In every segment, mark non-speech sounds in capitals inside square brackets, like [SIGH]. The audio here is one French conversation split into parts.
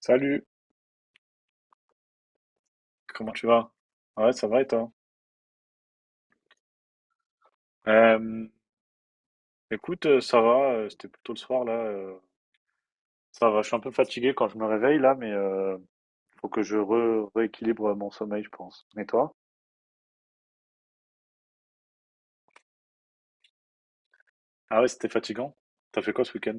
Salut, comment tu vas? Ouais, ça va et toi? Euh, écoute, ça va, c'était plutôt le soir là. Ça va, je suis un peu fatigué quand je me réveille là, mais faut que rééquilibre mon sommeil, je pense. Et toi? Ah ouais, c'était fatigant. T'as fait quoi ce week-end?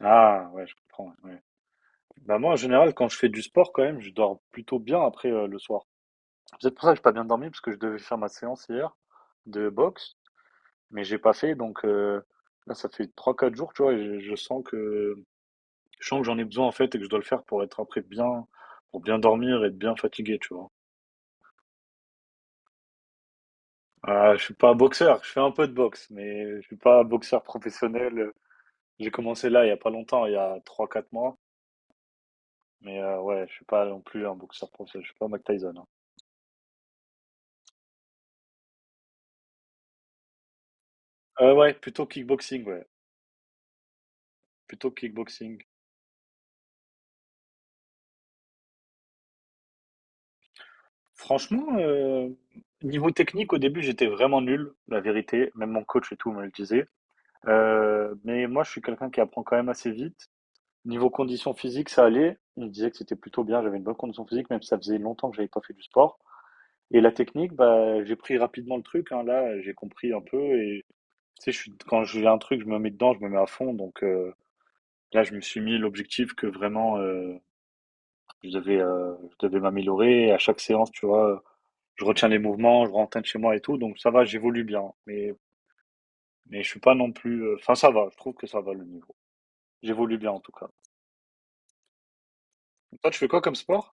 Ah ouais, je comprends. Ouais, ouais. Bah moi, en général, quand je fais du sport, quand même, je dors plutôt bien après le soir. C'est peut-être pour ça que j'ai pas bien dormi, parce que je devais faire ma séance hier de boxe, mais j'ai pas fait. Donc là, ça fait trois quatre jours, tu vois, et je sens que j'en ai besoin en fait et que je dois le faire pour être après bien, pour bien dormir et être bien fatigué, tu vois. Je suis pas boxeur, je fais un peu de boxe, mais je suis pas boxeur professionnel. J'ai commencé là il y a pas longtemps, il y a trois quatre mois, mais ouais, je suis pas non plus un boxeur professionnel, je suis pas Mike Tyson, hein. Ouais, plutôt kickboxing, ouais. Plutôt que kickboxing. Franchement, niveau technique, au début, j'étais vraiment nul, la vérité. Même mon coach et tout me le disait. Mais moi, je suis quelqu'un qui apprend quand même assez vite. Niveau condition physique, ça allait. On me disait que c'était plutôt bien. J'avais une bonne condition physique, même si ça faisait longtemps que j'avais pas fait du sport. Et la technique, bah, j'ai pris rapidement le truc, hein. Là, j'ai compris un peu. Et tu sais, je suis, quand j'ai un truc, je me mets dedans, je me mets à fond. Donc là, je me suis mis l'objectif que vraiment, je devais, euh, je devais m'améliorer. À chaque séance, tu vois, je retiens les mouvements, je rentre chez moi et tout, donc ça va, j'évolue bien. Mais je suis pas non plus. Enfin, ça va, je trouve que ça va le niveau. J'évolue bien en tout cas. Toi, tu fais quoi comme sport?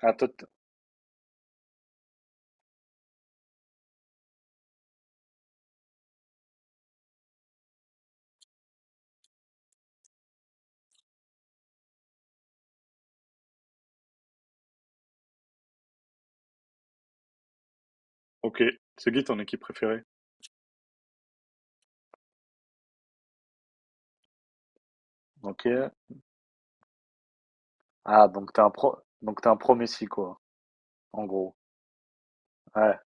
Ah, toi, t- ok. C'est qui ton équipe préférée? Ok. Ah, donc t'es un pro, donc t'es un pro Messi, quoi, en gros. Ouais,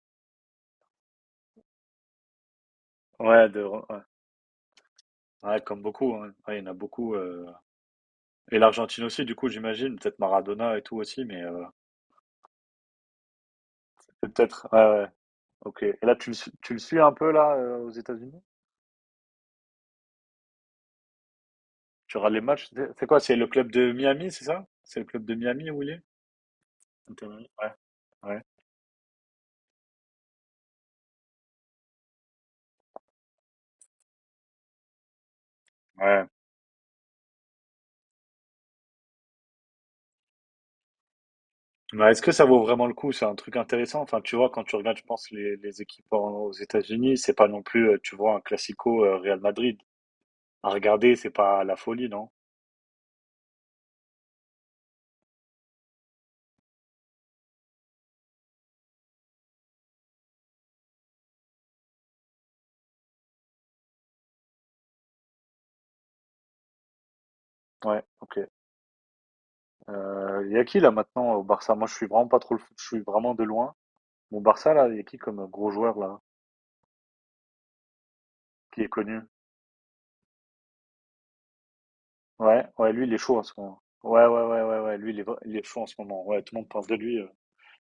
ouais, ouais. Ouais, comme beaucoup, hein. Ouais, il y en a beaucoup. Et l'Argentine aussi, du coup, j'imagine. Peut-être Maradona et tout aussi, mais c'est peut-être. Ouais, ouais, ok. Et là, tu le suis un peu, là, aux États-Unis? Tu regardes les matchs? C'est quoi? C'est le club de Miami, c'est ça? C'est le club de Miami où il est? Inter Miami. Ouais. Ouais. Ouais. Mais est-ce que ça vaut vraiment le coup? C'est un truc intéressant. Enfin, tu vois, quand tu regardes, je pense, les aux États-Unis, c'est pas non plus, tu vois, un classico Real Madrid. À regarder, c'est pas la folie, non? Ouais, ok. Il y a qui là maintenant au Barça? Moi, je suis vraiment pas trop le foot, je suis vraiment de loin. Mon Barça là, il y a qui comme gros joueur là, qui est connu? Ouais, ouais, lui, il est chaud en ce moment. Ouais, ouais, ouais, ouais, ouais, lui, il est chaud en ce moment. Ouais, tout le monde parle de lui.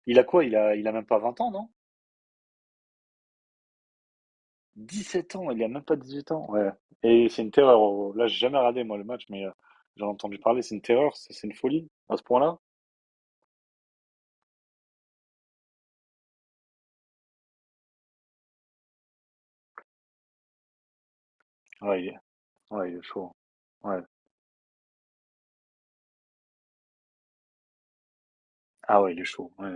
Il a quoi il a même pas 20 ans, non? 17 ans, il a même pas 18 ans. Ouais. Et c'est une terreur. Oh, oh. Là, j'ai jamais regardé, moi, le match, mais j'en ai entendu parler. C'est une terreur, c'est une folie à ce point-là. Ouais, il est, ouais, il est chaud. Ouais. Ah ouais, il est chaud. Ouais.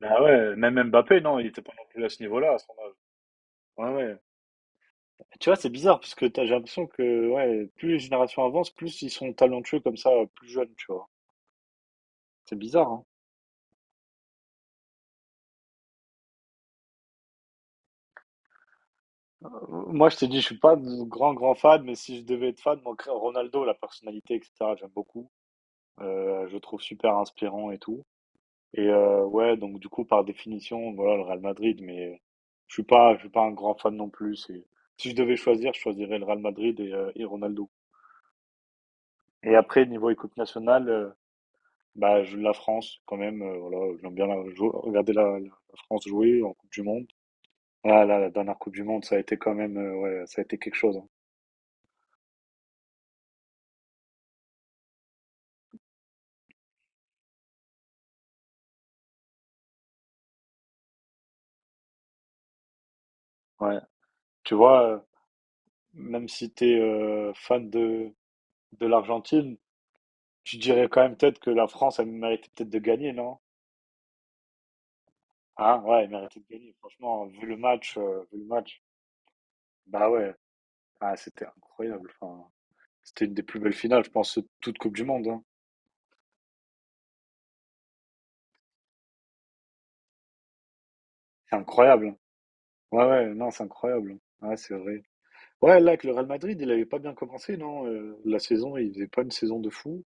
Bah ouais, même Mbappé, non, il était pas non plus à ce niveau-là. À ce moment-là. Ouais, ouais. Tu vois, c'est bizarre parce que j'ai l'impression que ouais, plus les générations avancent, plus ils sont talentueux comme ça, plus jeunes, tu vois. C'est bizarre, hein. Euh, moi, je te dis, je suis pas de grand fan, mais si je devais être fan, moi, Ronaldo, la personnalité, etc., j'aime beaucoup. Je trouve super inspirant et tout et ouais, donc du coup, par définition, voilà, le Real Madrid, mais je suis pas un grand fan non plus. C'est si je devais choisir, je choisirais le Real Madrid et Ronaldo et après niveau équipe nationale, bah, je la France quand même, voilà, j'aime bien la jou regarder la France jouer en coupe du monde. Ah là, la dernière coupe du monde, ça a été quand même, ouais, ça a été quelque chose, hein. Ouais. Tu vois, même si t'es es, fan de l'Argentine, je dirais quand même peut-être que la France, elle méritait peut-être de gagner, non? Hein? Ouais, elle méritait de gagner. Franchement, vu le match, bah ouais, ah, c'était incroyable. Enfin, c'était une des plus belles finales, je pense, de toute Coupe du Monde, hein. C'est incroyable. Ouais, ouais, non, c'est incroyable. Ouais, c'est vrai. Ouais, là, avec le Real Madrid, il avait pas bien commencé, non? La saison, il faisait pas une saison de fou.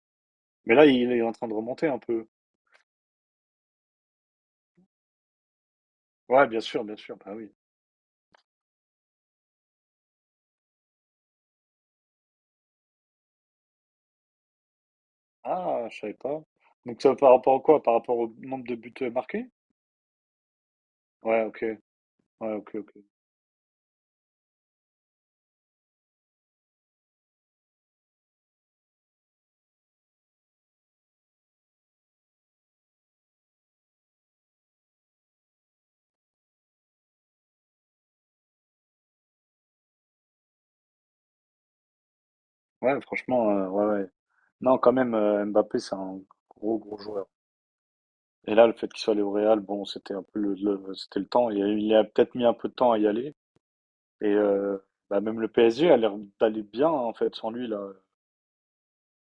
Mais là, il est en train de remonter un peu. Ouais, bien sûr, bah oui. Ah, je savais pas. Donc ça, par rapport à quoi? Par rapport au nombre de buts marqués? Ouais, ok. Ouais, ok, ok. Ouais, franchement, ouais, ouais. Non, quand même, Mbappé, c'est un gros joueur. Et là, le fait qu'il soit allé au Real, bon, c'était un peu c'était le temps. Il a peut-être mis un peu de temps à y aller. Et bah, même le PSG a l'air d'aller bien, hein, en fait, sans lui, là.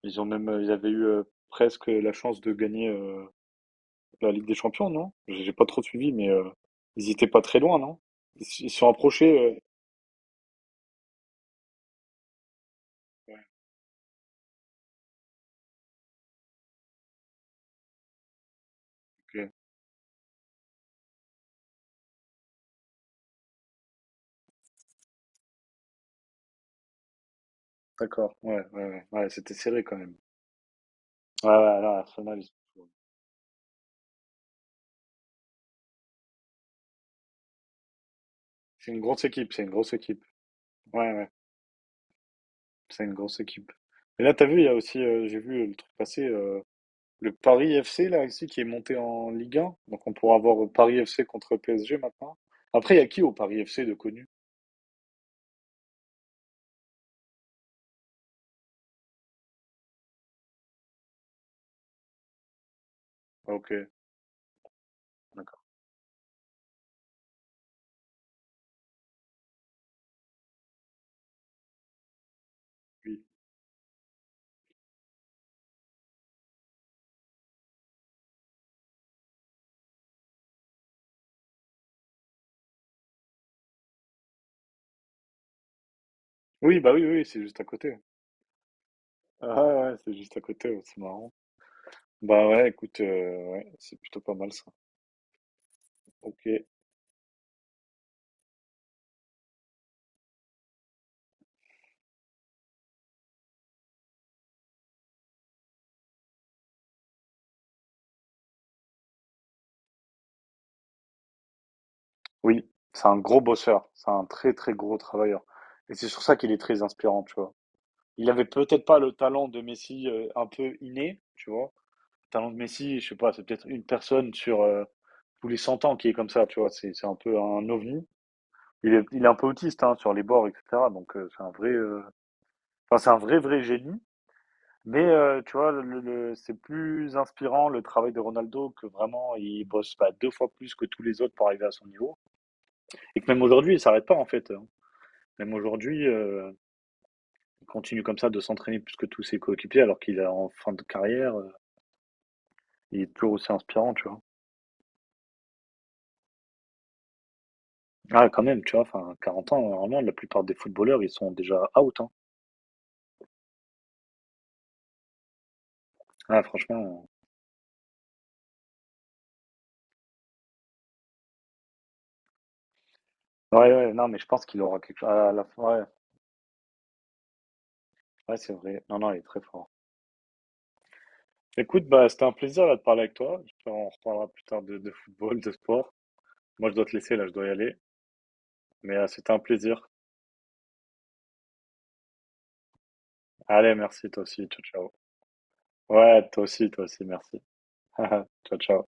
Ils ont même, ils avaient eu presque la chance de gagner la Ligue des Champions, non? J'ai pas trop suivi, mais ils étaient pas très loin, non? Ils se sont approchés. Ouais, ok. D'accord, ouais, ouais, ouais, ouais, c'était serré quand même. Ouais, ouais, là, Arsenal, c'est une grosse équipe, c'est une grosse équipe. Ouais, ouais. C'est une grosse équipe. Et là, t'as vu, il y a aussi, j'ai vu le truc passer, le Paris FC, là, ici, qui est monté en Ligue 1. Donc, on pourra avoir Paris FC contre PSG maintenant. Après, il y a qui au Paris FC de connu? Ah, ok, d'accord. Oui. Oui, bah oui, oui, c'est juste à côté. Ah ouais, ouais, c'est juste à côté, ouais, c'est marrant. Bah ouais, écoute, ouais, c'est plutôt pas mal ça. Ok. Oui, c'est un gros bosseur, c'est un très très gros travailleur. Et c'est sur ça qu'il est très inspirant, tu vois. Il avait peut-être pas le talent de Messi un peu inné, tu vois. Talent de Messi, je sais pas, c'est peut-être une personne sur tous les 100 ans qui est comme ça, tu vois, c'est un peu un ovni. Il est un peu autiste hein, sur les bords, etc. Donc c'est un vrai, enfin c'est un vrai vrai génie. Mais tu vois, c'est plus inspirant le travail de Ronaldo que vraiment il bosse bah, deux fois plus que tous les autres pour arriver à son niveau. Et que même aujourd'hui, il s'arrête pas en fait, hein. Même aujourd'hui, il continue comme ça de s'entraîner plus que tous ses coéquipiers alors qu'il est en fin de carrière. Il est toujours aussi inspirant, tu vois. Ah quand même, tu vois? Enfin, 40 ans, normalement, la plupart des footballeurs, ils sont déjà out, hein. Ah franchement, ouais, ouais, non, mais je pense qu'il aura quelque chose à la fin, ouais, ouais, c'est vrai. Non, non, il est très fort. Écoute, bah, c'était un plaisir là, de parler avec toi. J'espère qu'on reparlera plus tard de football, de sport. Moi, je dois te laisser là, je dois y aller. Mais c'était un plaisir. Allez, merci, toi aussi. Ciao, ciao. Ouais, toi aussi, merci. [LAUGHS] Ciao, ciao.